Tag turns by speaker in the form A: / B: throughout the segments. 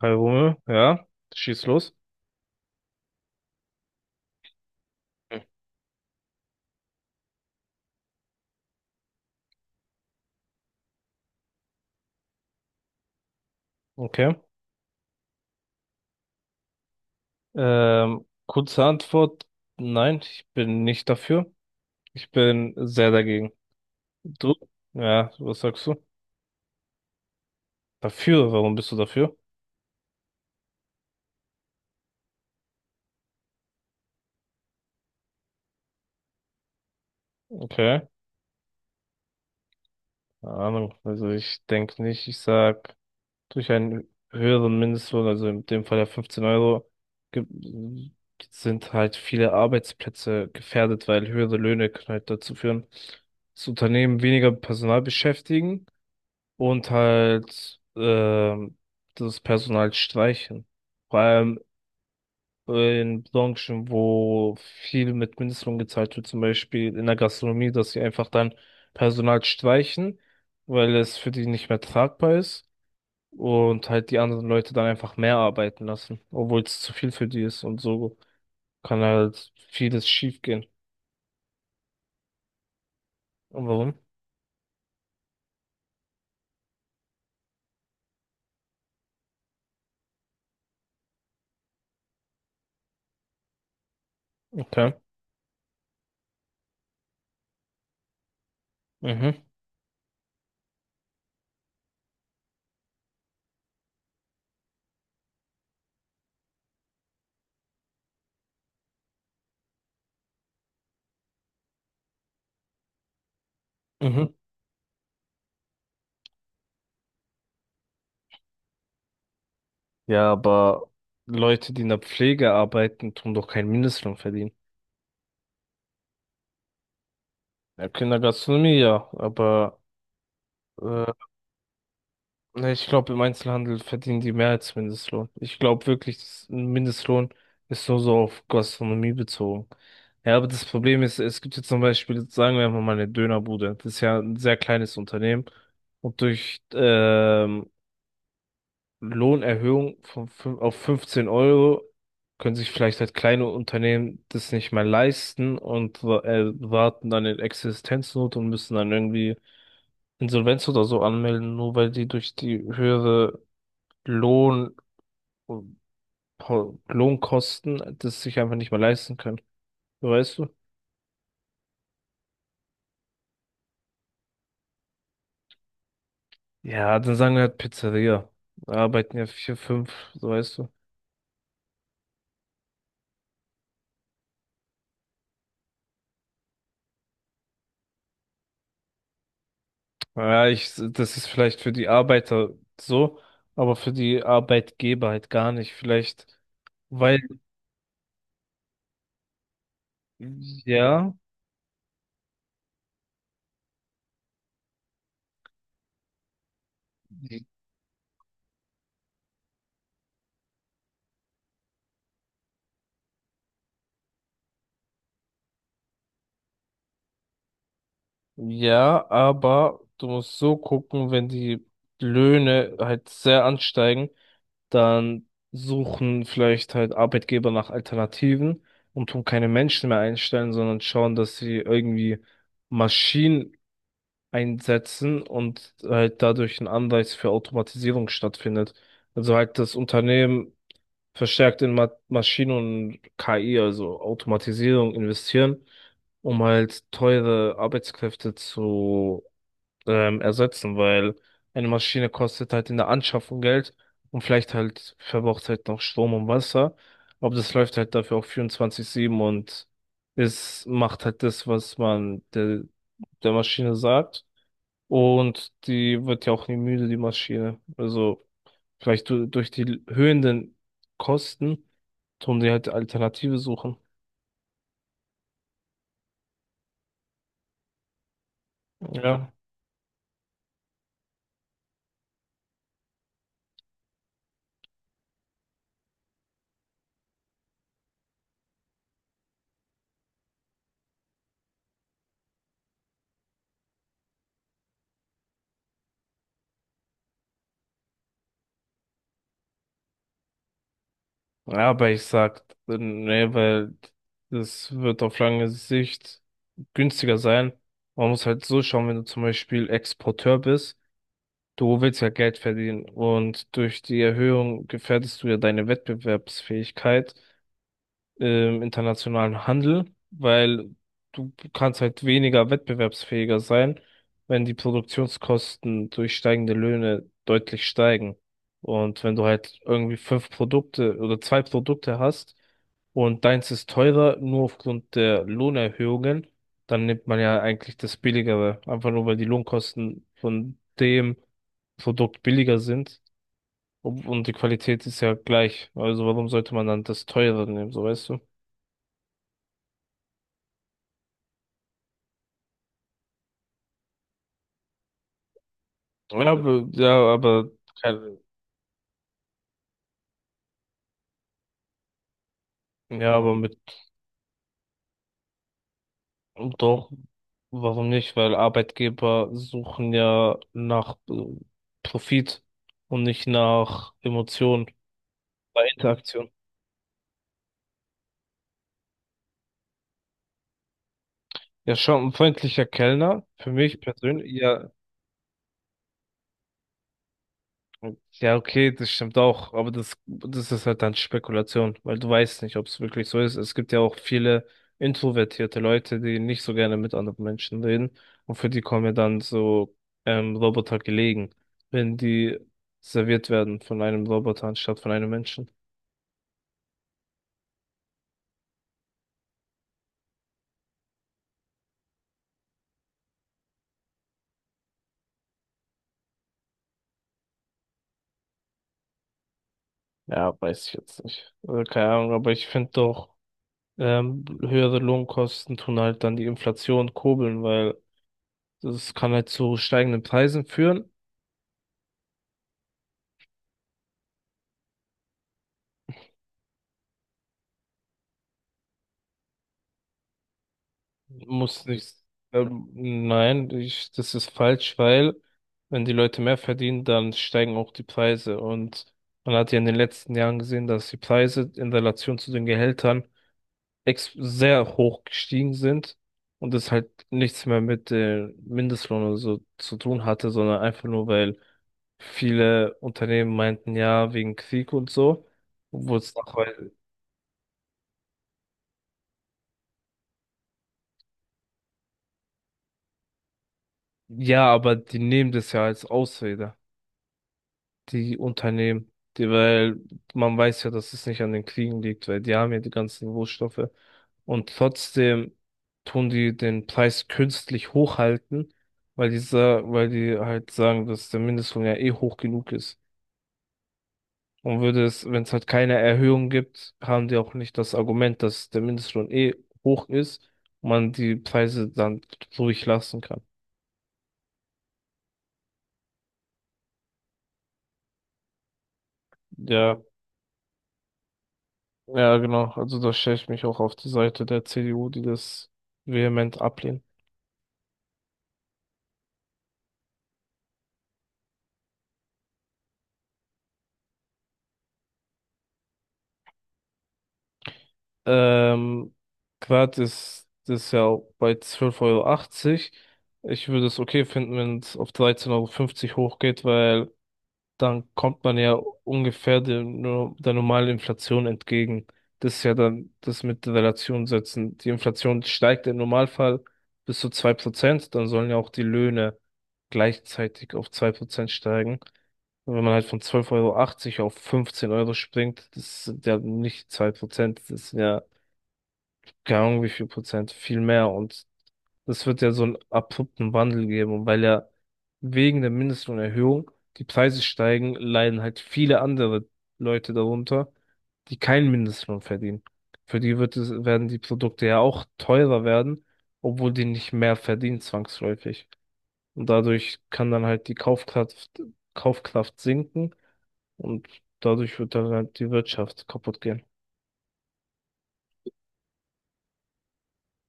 A: Palme, ja, schieß los. Hm. Okay. Kurze Antwort, nein, ich bin nicht dafür. Ich bin sehr dagegen. Du? Ja, was sagst du? Dafür? Warum bist du dafür? Okay. Keine Ahnung. Also ich denke nicht, ich sag, durch einen höheren Mindestlohn, also in dem Fall ja 15 Euro, gibt- sind halt viele Arbeitsplätze gefährdet, weil höhere Löhne können halt dazu führen, dass Unternehmen weniger Personal beschäftigen und halt das Personal streichen. Vor allem in Branchen, wo viel mit Mindestlohn gezahlt wird, zum Beispiel in der Gastronomie, dass sie einfach dann Personal streichen, weil es für die nicht mehr tragbar ist und halt die anderen Leute dann einfach mehr arbeiten lassen, obwohl es zu viel für die ist und so kann halt vieles schief gehen. Und warum? Okay. Mhm. Mhm. Ja, aber Leute, die in der Pflege arbeiten, tun doch keinen Mindestlohn verdienen. Ja, Kindergastronomie, ja, aber äh, ne, ich glaube, im Einzelhandel verdienen die mehr als Mindestlohn. Ich glaube wirklich, ein Mindestlohn ist nur so auf Gastronomie bezogen. Ja, aber das Problem ist, es gibt jetzt zum Beispiel, sagen wir mal, eine Dönerbude. Das ist ja ein sehr kleines Unternehmen. Und durch Lohnerhöhung von auf 15 € können sich vielleicht halt kleine Unternehmen das nicht mehr leisten und warten dann in Existenznot und müssen dann irgendwie Insolvenz oder so anmelden, nur weil die durch die höhere Lohn, Lohnkosten das sich einfach nicht mehr leisten können. So weißt du? Ja, dann sagen wir halt Pizzeria. Da arbeiten ja vier, fünf, so weißt du. Ja, ich, das ist vielleicht für die Arbeiter so, aber für die Arbeitgeber halt gar nicht. Vielleicht, weil, ja, ja, aber du musst so gucken, wenn die Löhne halt sehr ansteigen, dann suchen vielleicht halt Arbeitgeber nach Alternativen und tun keine Menschen mehr einstellen, sondern schauen, dass sie irgendwie Maschinen einsetzen und halt dadurch ein Anreiz für Automatisierung stattfindet. Also halt das Unternehmen verstärkt in Ma Maschinen und KI, also Automatisierung, investieren, um halt teure Arbeitskräfte zu ersetzen, weil eine Maschine kostet halt in der Anschaffung Geld und vielleicht halt verbraucht halt noch Strom und Wasser, aber das läuft halt dafür auch 24/7 und es macht halt das, was man der Maschine sagt. Und die wird ja auch nie müde, die Maschine. Also vielleicht du, durch die höhenden Kosten tun sie halt Alternative suchen. Ja. Ja, aber ich sag, nee, weil das wird auf lange Sicht günstiger sein. Man muss halt so schauen, wenn du zum Beispiel Exporteur bist, du willst ja Geld verdienen und durch die Erhöhung gefährdest du ja deine Wettbewerbsfähigkeit im internationalen Handel, weil du kannst halt weniger wettbewerbsfähiger sein, wenn die Produktionskosten durch steigende Löhne deutlich steigen. Und wenn du halt irgendwie fünf Produkte oder zwei Produkte hast und deins ist teurer, nur aufgrund der Lohnerhöhungen, dann nimmt man ja eigentlich das Billigere, einfach nur weil die Lohnkosten von dem Produkt billiger sind. Und die Qualität ist ja gleich. Also warum sollte man dann das teurere nehmen, so weißt du? Ja, aber, kein- ja, aber mit, doch, warum nicht? Weil Arbeitgeber suchen ja nach Profit und nicht nach Emotionen bei Interaktion. Ja, schon ein freundlicher Kellner, für mich persönlich, ja, ja, okay, das stimmt auch, aber das ist halt dann Spekulation, weil du weißt nicht, ob es wirklich so ist. Es gibt ja auch viele introvertierte Leute, die nicht so gerne mit anderen Menschen reden und für die kommen ja dann so Roboter gelegen, wenn die serviert werden von einem Roboter anstatt von einem Menschen. Ja, weiß ich jetzt nicht. Also keine Ahnung, aber ich finde doch, höhere Lohnkosten tun halt dann die Inflation kurbeln, weil das kann halt zu steigenden Preisen führen. Muss nicht. Ähm, nein, ich, das ist falsch, weil wenn die Leute mehr verdienen, dann steigen auch die Preise. Und man hat ja in den letzten Jahren gesehen, dass die Preise in Relation zu den Gehältern ex sehr hoch gestiegen sind und es halt nichts mehr mit dem Mindestlohn oder so zu tun hatte, sondern einfach nur, weil viele Unternehmen meinten, ja, wegen Krieg und so, obwohl es nachher, ja, aber die nehmen das ja als Ausrede. Die Unternehmen, die, weil man weiß ja, dass es nicht an den Kriegen liegt, weil die haben ja die ganzen Rohstoffe. Und trotzdem tun die den Preis künstlich hochhalten, weil die, weil die halt sagen, dass der Mindestlohn ja eh hoch genug ist. Und würde es, wenn es halt keine Erhöhung gibt, haben die auch nicht das Argument, dass der Mindestlohn eh hoch ist und man die Preise dann ruhig lassen kann. Ja, ja, genau. Also da stelle ich mich auch auf die Seite der CDU, die das vehement ablehnt. Ähm, Quad ist das ist ja auch bei zwölf Euro. Achtzig. Ich würde es okay finden, wenn es auf 13,50 € hochgeht, weil dann kommt man ja ungefähr nur der normalen Inflation entgegen. Das ist ja dann das mit Relation setzen. Die Inflation steigt im Normalfall bis zu 2%. Dann sollen ja auch die Löhne gleichzeitig auf 2% steigen. Und wenn man halt von 12,80 € auf 15 € springt, das sind ja nicht 2%, das sind ja keine Ahnung, wie viel Prozent, viel mehr. Und es wird ja so einen abrupten Wandel geben. Und weil ja wegen der Mindestlohnerhöhung die Preise steigen, leiden halt viele andere Leute darunter, die keinen Mindestlohn verdienen. Für die wird es, werden die Produkte ja auch teurer werden, obwohl die nicht mehr verdienen zwangsläufig. Und dadurch kann dann halt die Kaufkraft sinken und dadurch wird dann halt die Wirtschaft kaputt gehen.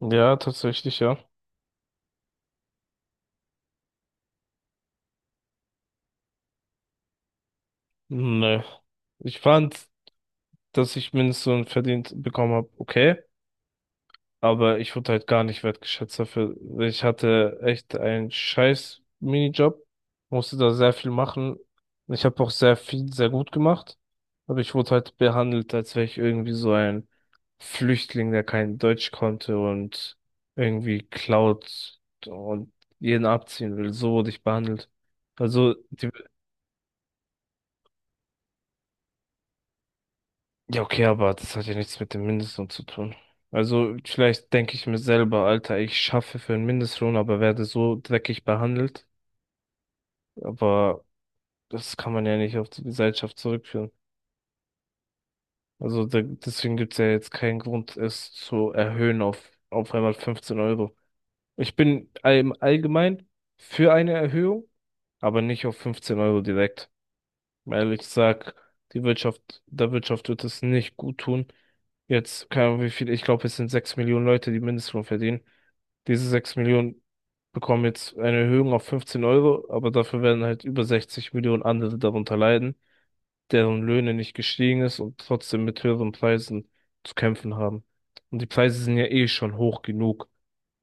A: Ja, tatsächlich, ja. Nee. Ich fand, dass ich Mindestlohn verdient bekommen habe, okay, aber ich wurde halt gar nicht wertgeschätzt dafür. Ich hatte echt einen scheiß Minijob, musste da sehr viel machen. Ich habe auch sehr viel, sehr gut gemacht, aber ich wurde halt behandelt, als wäre ich irgendwie so ein Flüchtling, der kein Deutsch konnte und irgendwie klaut und jeden abziehen will. So wurde ich behandelt. Also die. Ja, okay, aber das hat ja nichts mit dem Mindestlohn zu tun. Also vielleicht denke ich mir selber, Alter, ich schaffe für einen Mindestlohn, aber werde so dreckig behandelt. Aber das kann man ja nicht auf die Gesellschaft zurückführen. Also deswegen gibt's ja jetzt keinen Grund, es zu erhöhen auf einmal 15 Euro. Ich bin im Allgemeinen für eine Erhöhung, aber nicht auf 15 € direkt. Weil ich sag, die Wirtschaft, der Wirtschaft wird es nicht gut tun. Jetzt, keine Ahnung, wie viel, ich glaube, es sind 6 Millionen Leute, die Mindestlohn verdienen. Diese 6 Millionen bekommen jetzt eine Erhöhung auf 15 Euro, aber dafür werden halt über 60 Millionen andere darunter leiden, deren Löhne nicht gestiegen ist und trotzdem mit höheren Preisen zu kämpfen haben. Und die Preise sind ja eh schon hoch genug,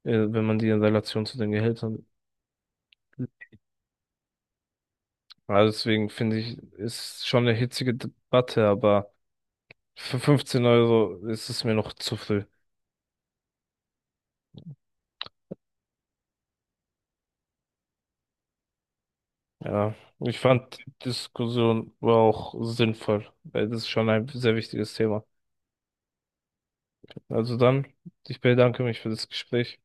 A: wenn man die in Relation zu den Gehältern. Also deswegen finde ich, ist schon eine hitzige Debatte, aber für 15 € ist es mir noch zu viel. Ja, ich fand, die Diskussion war auch sinnvoll, weil das ist schon ein sehr wichtiges Thema. Also dann, ich bedanke mich für das Gespräch.